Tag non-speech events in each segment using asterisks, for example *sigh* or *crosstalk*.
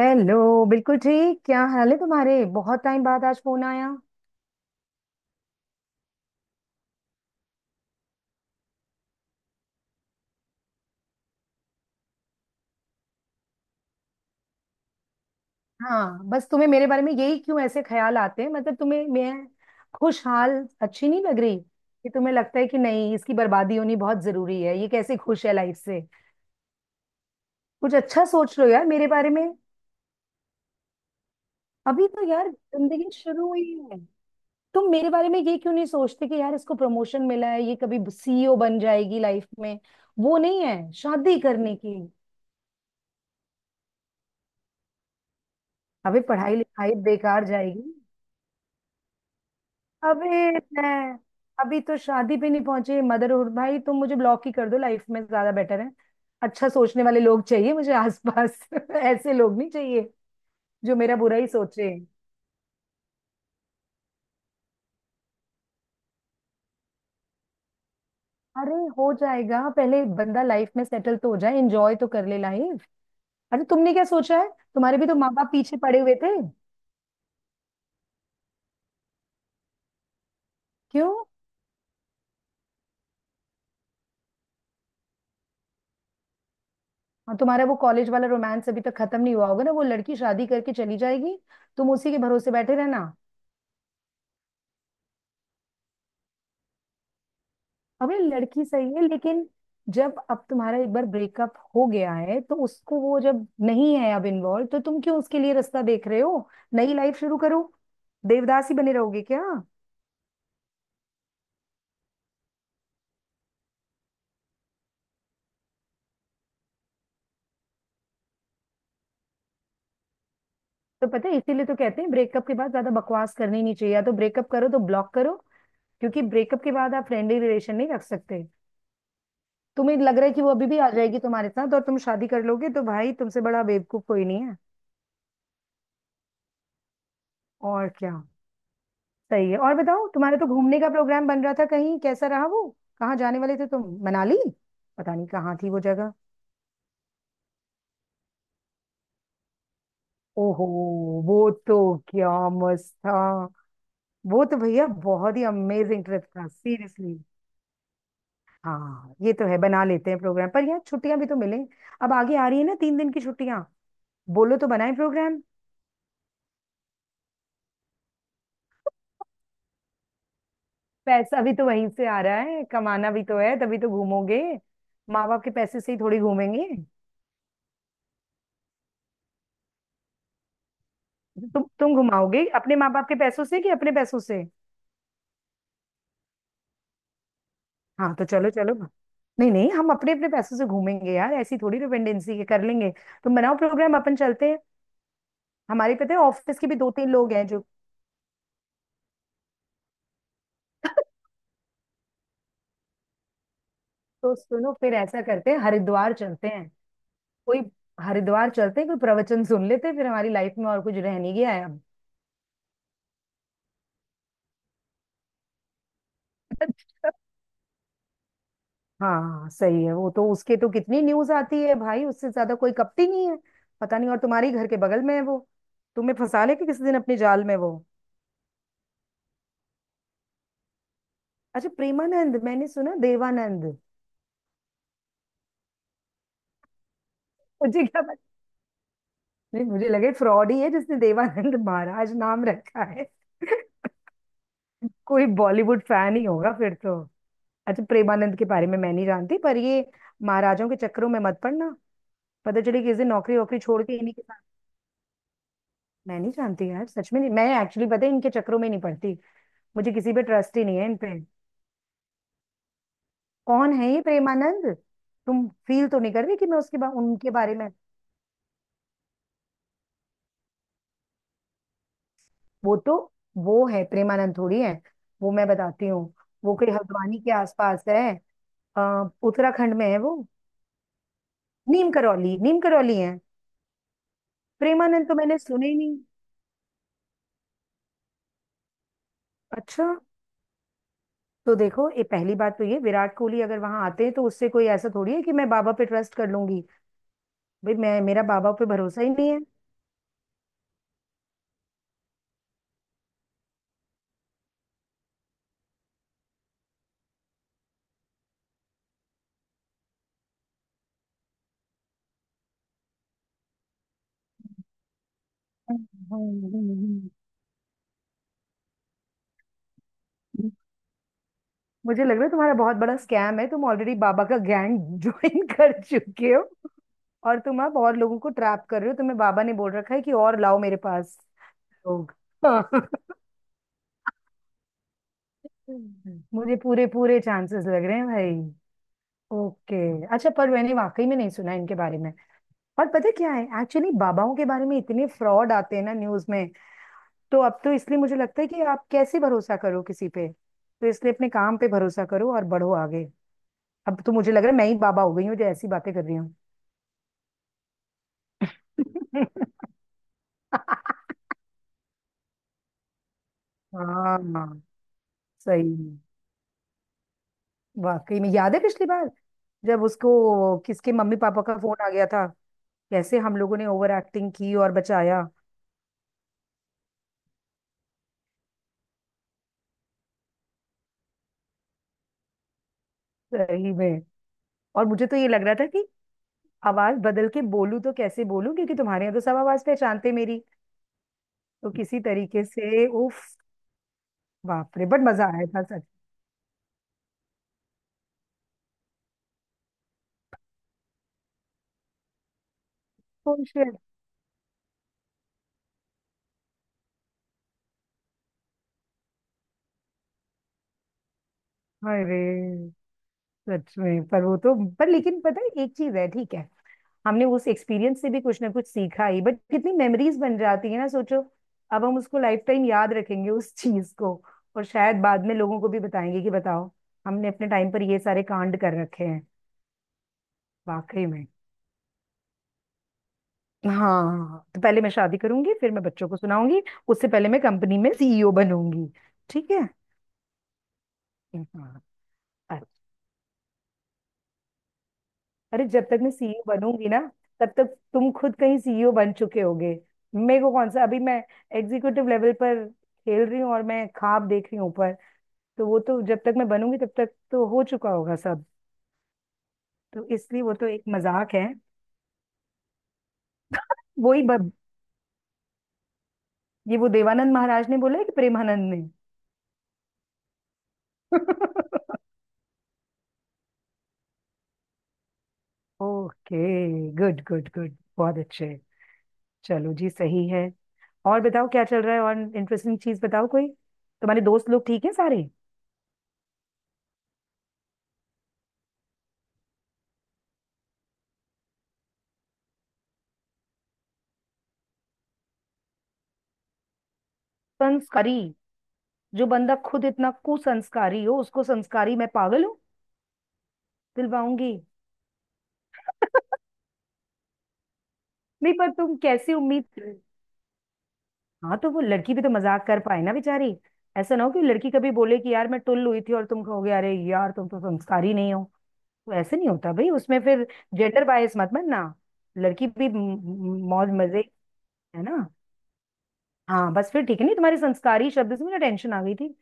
Hello, बिल्कुल ठीक। क्या हाल है तुम्हारे? बहुत टाइम बाद आज फोन आया। हाँ, बस तुम्हें मेरे बारे में यही क्यों ऐसे ख्याल आते हैं? मतलब तुम्हें मैं खुशहाल अच्छी नहीं लग रही कि तुम्हें लगता है कि नहीं, इसकी बर्बादी होनी बहुत जरूरी है? ये कैसे खुश है लाइफ से। कुछ अच्छा सोच लो यार मेरे बारे में। अभी तो यार जिंदगी शुरू हुई है। तुम मेरे बारे में ये क्यों नहीं सोचते कि यार इसको प्रमोशन मिला है, ये कभी सीईओ बन जाएगी लाइफ में। वो नहीं है शादी करने की। अबे पढ़ाई लिखाई बेकार जाएगी। अबे मैं, अभी तो शादी पे नहीं पहुंचे, मदरहुड? भाई तुम मुझे ब्लॉक ही कर दो, लाइफ में ज्यादा बेटर है। अच्छा सोचने वाले लोग चाहिए मुझे आसपास *laughs* ऐसे लोग नहीं चाहिए जो मेरा बुरा ही सोचे। अरे हो जाएगा, पहले बंदा लाइफ में सेटल तो हो जाए, एंजॉय तो कर ले लाइफ। अरे तुमने क्या सोचा है? तुम्हारे भी तो माँ बाप पीछे पड़े हुए थे। क्यों? और तुम्हारा वो कॉलेज वाला रोमांस अभी तक खत्म नहीं हुआ होगा ना, वो लड़की शादी करके चली जाएगी, तुम उसी के भरोसे बैठे रहना। अबे लड़की सही है, लेकिन जब अब तुम्हारा एक बार ब्रेकअप हो गया है, तो उसको वो जब नहीं है अब इन्वॉल्व, तो तुम क्यों उसके लिए रास्ता देख रहे हो? नई लाइफ शुरू करो। देवदास ही बने रहोगे क्या? तो पता है, इसीलिए तो कहते हैं ब्रेकअप के बाद ज्यादा बकवास करनी नहीं चाहिए, या तो ब्रेकअप करो तो ब्लॉक करो, क्योंकि ब्रेकअप के बाद आप फ्रेंडली रिलेशन नहीं रख सकते। तुम्हें लग रहा है कि वो अभी भी आ जाएगी तुम्हारे साथ और तुम शादी कर लोगे, तो भाई तुमसे बड़ा बेवकूफ कोई नहीं है। और क्या। सही है। और बताओ, तुम्हारा तो घूमने का प्रोग्राम बन रहा था कहीं, कैसा रहा वो? कहाँ जाने वाले थे तुम, मनाली? पता नहीं कहाँ थी वो जगह। ओहो, वो तो, क्या मस्त था। वो तो भैया बहुत ही अमेजिंग ट्रिप था सीरियसली। हाँ ये तो है, बना लेते हैं प्रोग्राम, पर यार छुट्टियां भी तो मिले। अब आगे आ रही है ना 3 दिन की छुट्टियां, बोलो तो बनाए प्रोग्राम। पैसा भी तो वहीं से आ रहा है, कमाना भी तो है, तभी तो घूमोगे। माँ बाप के पैसे से ही थोड़ी घूमेंगे। तुम घुमाओगे अपने माँ बाप के पैसों से कि अपने पैसों से? हाँ तो चलो, चलो ना। नहीं नहीं, हम अपने अपने पैसों से घूमेंगे यार, ऐसी थोड़ी डिपेंडेंसी के कर लेंगे। तुम बनाओ प्रोग्राम, अपन चलते हैं। हमारे पता है ऑफिस के भी दो तीन लोग हैं जो *laughs* तो सुनो, फिर ऐसा करते हैं, हरिद्वार चलते हैं। कोई हरिद्वार चलते हैं, कोई प्रवचन सुन लेते हैं, फिर हमारी लाइफ में और कुछ रह नहीं गया है अब। *laughs* हाँ सही है। वो तो, उसके तो कितनी न्यूज आती है भाई, उससे ज्यादा कोई कपटी नहीं है। पता नहीं, और तुम्हारे ही घर के बगल में है वो, तुम्हें फंसा लेगा किसी दिन अपने जाल में वो। अच्छा प्रेमानंद? मैंने सुना देवानंद। मुझे क्या, नहीं मुझे लगे फ्रॉड ही है जिसने देवानंद महाराज नाम रखा है। *laughs* कोई बॉलीवुड फैन ही होगा फिर तो। अच्छा, प्रेमानंद के बारे में मैं नहीं जानती, पर ये महाराजों के चक्करों में मत पड़ना। पता चले किसी दिन नौकरी वोकरी छोड़ के इन्हीं के साथ। मैं नहीं जानती यार, सच में नहीं, मैं एक्चुअली पता है इनके चक्करों में नहीं पड़ती। मुझे किसी पे ट्रस्ट ही नहीं है इन पे। कौन है ये प्रेमानंद? तुम फील तो नहीं कर रही कि मैं उनके बारे में... वो तो, वो है प्रेमानंद थोड़ी है, वो मैं बताती हूँ। वो कोई हल्द्वानी के आसपास है, उत्तराखंड में है वो। नीम करौली, नीम करौली है। प्रेमानंद तो मैंने सुने ही नहीं। अच्छा। तो देखो, ये पहली बात तो ये विराट कोहली अगर वहां आते हैं, तो उससे कोई ऐसा थोड़ी है कि मैं बाबा पे ट्रस्ट कर लूंगी। भाई मैं, मेरा बाबा पे भरोसा ही नहीं है। हम्म। हम्म, हम्म, हम्म। मुझे लग रहा है तुम्हारा बहुत बड़ा स्कैम है, तुम ऑलरेडी बाबा का गैंग ज्वाइन *laughs* कर चुके हो, और तुम अब और लोगों को ट्रैप कर रहे हो, तुम्हें बाबा ने बोल रखा है कि और लाओ मेरे पास लोग। *laughs* मुझे पूरे पूरे चांसेस लग रहे हैं भाई। ओके। अच्छा, पर मैंने वाकई में नहीं सुना इनके बारे में, और पता क्या है, एक्चुअली बाबाओं के बारे में इतने फ्रॉड आते हैं ना न्यूज में, तो अब तो इसलिए मुझे लगता है कि आप कैसे भरोसा करो किसी पे, तो इसलिए अपने काम पे भरोसा करो और बढ़ो आगे। अब तो मुझे लग रहा है मैं ही बाबा हो गई हूँ जो ऐसी बातें कर रही हूँ। *laughs* हाँ हाँ, सही में। वाकई में याद है पिछली बार, जब उसको किसके मम्मी पापा का फोन आ गया था, कैसे हम लोगों ने ओवर एक्टिंग की और बचाया। सही में, और मुझे तो ये लग रहा था कि आवाज बदल के बोलूं तो कैसे बोलूं, क्योंकि तुम्हारे यहाँ तो सब आवाज पहचानते मेरी। तो किसी तरीके से, उफ। बाप रे, बट मजा आया था सच। Oh shit, अरे सच में। पर वो तो, पर लेकिन पता है एक चीज है, ठीक है, हमने उस एक्सपीरियंस से भी कुछ ना कुछ सीखा ही, बट कितनी मेमोरीज बन जाती है ना सोचो, अब हम उसको लाइफ टाइम याद रखेंगे उस चीज को। और शायद बाद में लोगों को भी बताएंगे कि बताओ, हमने अपने टाइम पर ये सारे कांड कर रखे हैं। वाकई में। हाँ, तो पहले मैं शादी करूंगी, फिर मैं बच्चों को सुनाऊंगी, उससे पहले मैं कंपनी में सीईओ बनूंगी। ठीक है। हाँ। अरे, अरे, जब तक मैं सीईओ बनूंगी ना, तब तक तुम खुद कहीं सीईओ बन चुके होगे। मेरे को कौन सा, अभी मैं एग्जीक्यूटिव लेवल पर खेल रही हूँ और मैं ख्वाब देख रही हूँ ऊपर। तो वो तो जब तक मैं बनूंगी, तब तक तो हो चुका होगा सब। तो इसलिए वो तो एक मजाक है। वही ब- ये वो देवानंद महाराज ने बोला है कि प्रेमानंद ने? *laughs* ओके, गुड गुड गुड, बहुत अच्छे। चलो जी सही है। और बताओ क्या चल रहा है? और इंटरेस्टिंग चीज बताओ कोई। तुम्हारे दोस्त लोग ठीक है सारे? संस्कारी? जो बंदा खुद इतना कुसंस्कारी हो, उसको संस्कारी, मैं पागल हूँ दिलवाऊंगी। नहीं पर तुम कैसे उम्मीद... हाँ, तो वो लड़की भी तो मजाक कर पाए ना बेचारी, ऐसा ना हो कि लड़की कभी बोले कि यार मैं टुल्ल हुई थी, और तुम कहोगे अरे यार तुम तो संस्कारी नहीं हो, तो ऐसे नहीं होता भाई उसमें फिर। जेंडर बायस मत मानना, लड़की भी मौज मजे। है ना? हाँ, बस फिर ठीक है, नहीं तुम्हारे संस्कारी शब्द से मुझे टेंशन आ गई थी,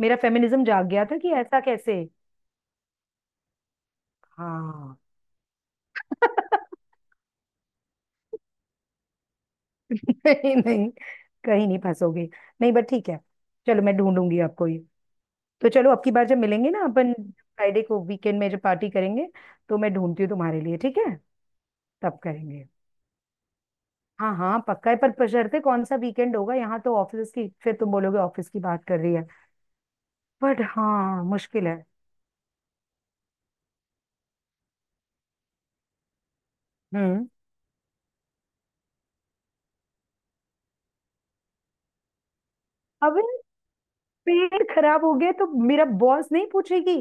मेरा फेमिनिज्म जाग गया था कि ऐसा कैसे। हाँ। *laughs* नहीं नहीं, कहीं नहीं फंसोगे। नहीं बट ठीक है, चलो मैं ढूंढूंगी आपको ये। तो चलो अब की बार जब मिलेंगे ना, अपन फ्राइडे को वीकेंड में जब पार्टी करेंगे, तो मैं ढूंढती हूँ तुम्हारे लिए, ठीक है? तब करेंगे। हाँ हाँ पक्का है, पर बशर्ते कौन सा वीकेंड होगा, यहाँ तो ऑफिस की, फिर तुम बोलोगे ऑफिस की बात कर रही है, बट हाँ मुश्किल है। हम्म। अब, पेट खराब हो गया तो मेरा बॉस नहीं पूछेगी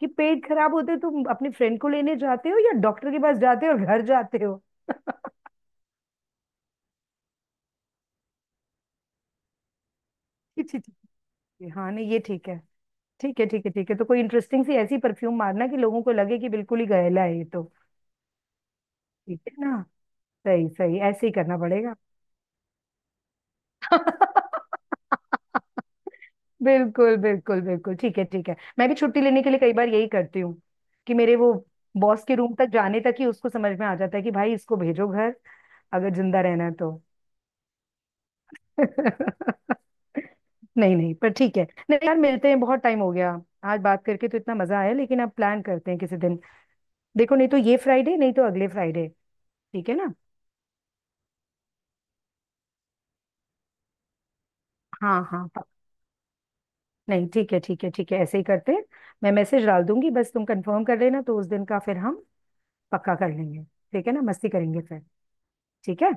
कि पेट खराब होते हो तुम अपने फ्रेंड को लेने जाते हो या डॉक्टर के पास जाते हो और घर जाते हो? *laughs* ठीक ठीक, ठीक हाँ, नहीं ये ठीक है, ठीक है ठीक है ठीक है, तो कोई इंटरेस्टिंग सी ऐसी परफ्यूम मारना कि लोगों को लगे कि बिल्कुल ही गैला है ये तो। ठीक है ना? सही सही ऐसे ही करना पड़ेगा। *laughs* बिल्कुल बिल्कुल बिल्कुल ठीक है, ठीक है मैं भी छुट्टी लेने के लिए कई बार यही करती हूँ, कि मेरे वो बॉस के रूम तक जाने तक ही उसको समझ में आ जाता है कि भाई इसको भेजो घर अगर जिंदा रहना है तो। *laughs* नहीं नहीं पर ठीक है, नहीं यार मिलते हैं, बहुत टाइम हो गया, आज बात करके तो इतना मजा आया, लेकिन अब प्लान करते हैं किसी दिन, देखो नहीं तो ये फ्राइडे नहीं तो अगले फ्राइडे। ठीक है ना? हाँ हाँ, नहीं ठीक है ठीक है ठीक है, ऐसे ही करते हैं, मैं मैसेज डाल दूंगी, बस तुम कंफर्म कर लेना, तो उस दिन का फिर हम पक्का कर लेंगे। ठीक है ना? मस्ती करेंगे फिर। ठीक है।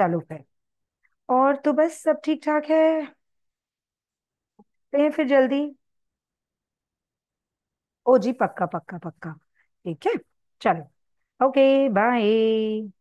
चलो फिर। और तो बस सब ठीक ठाक है। कहीं फिर जल्दी। ओ जी, पक्का पक्का पक्का। ठीक है। चलो। ओके। बाय।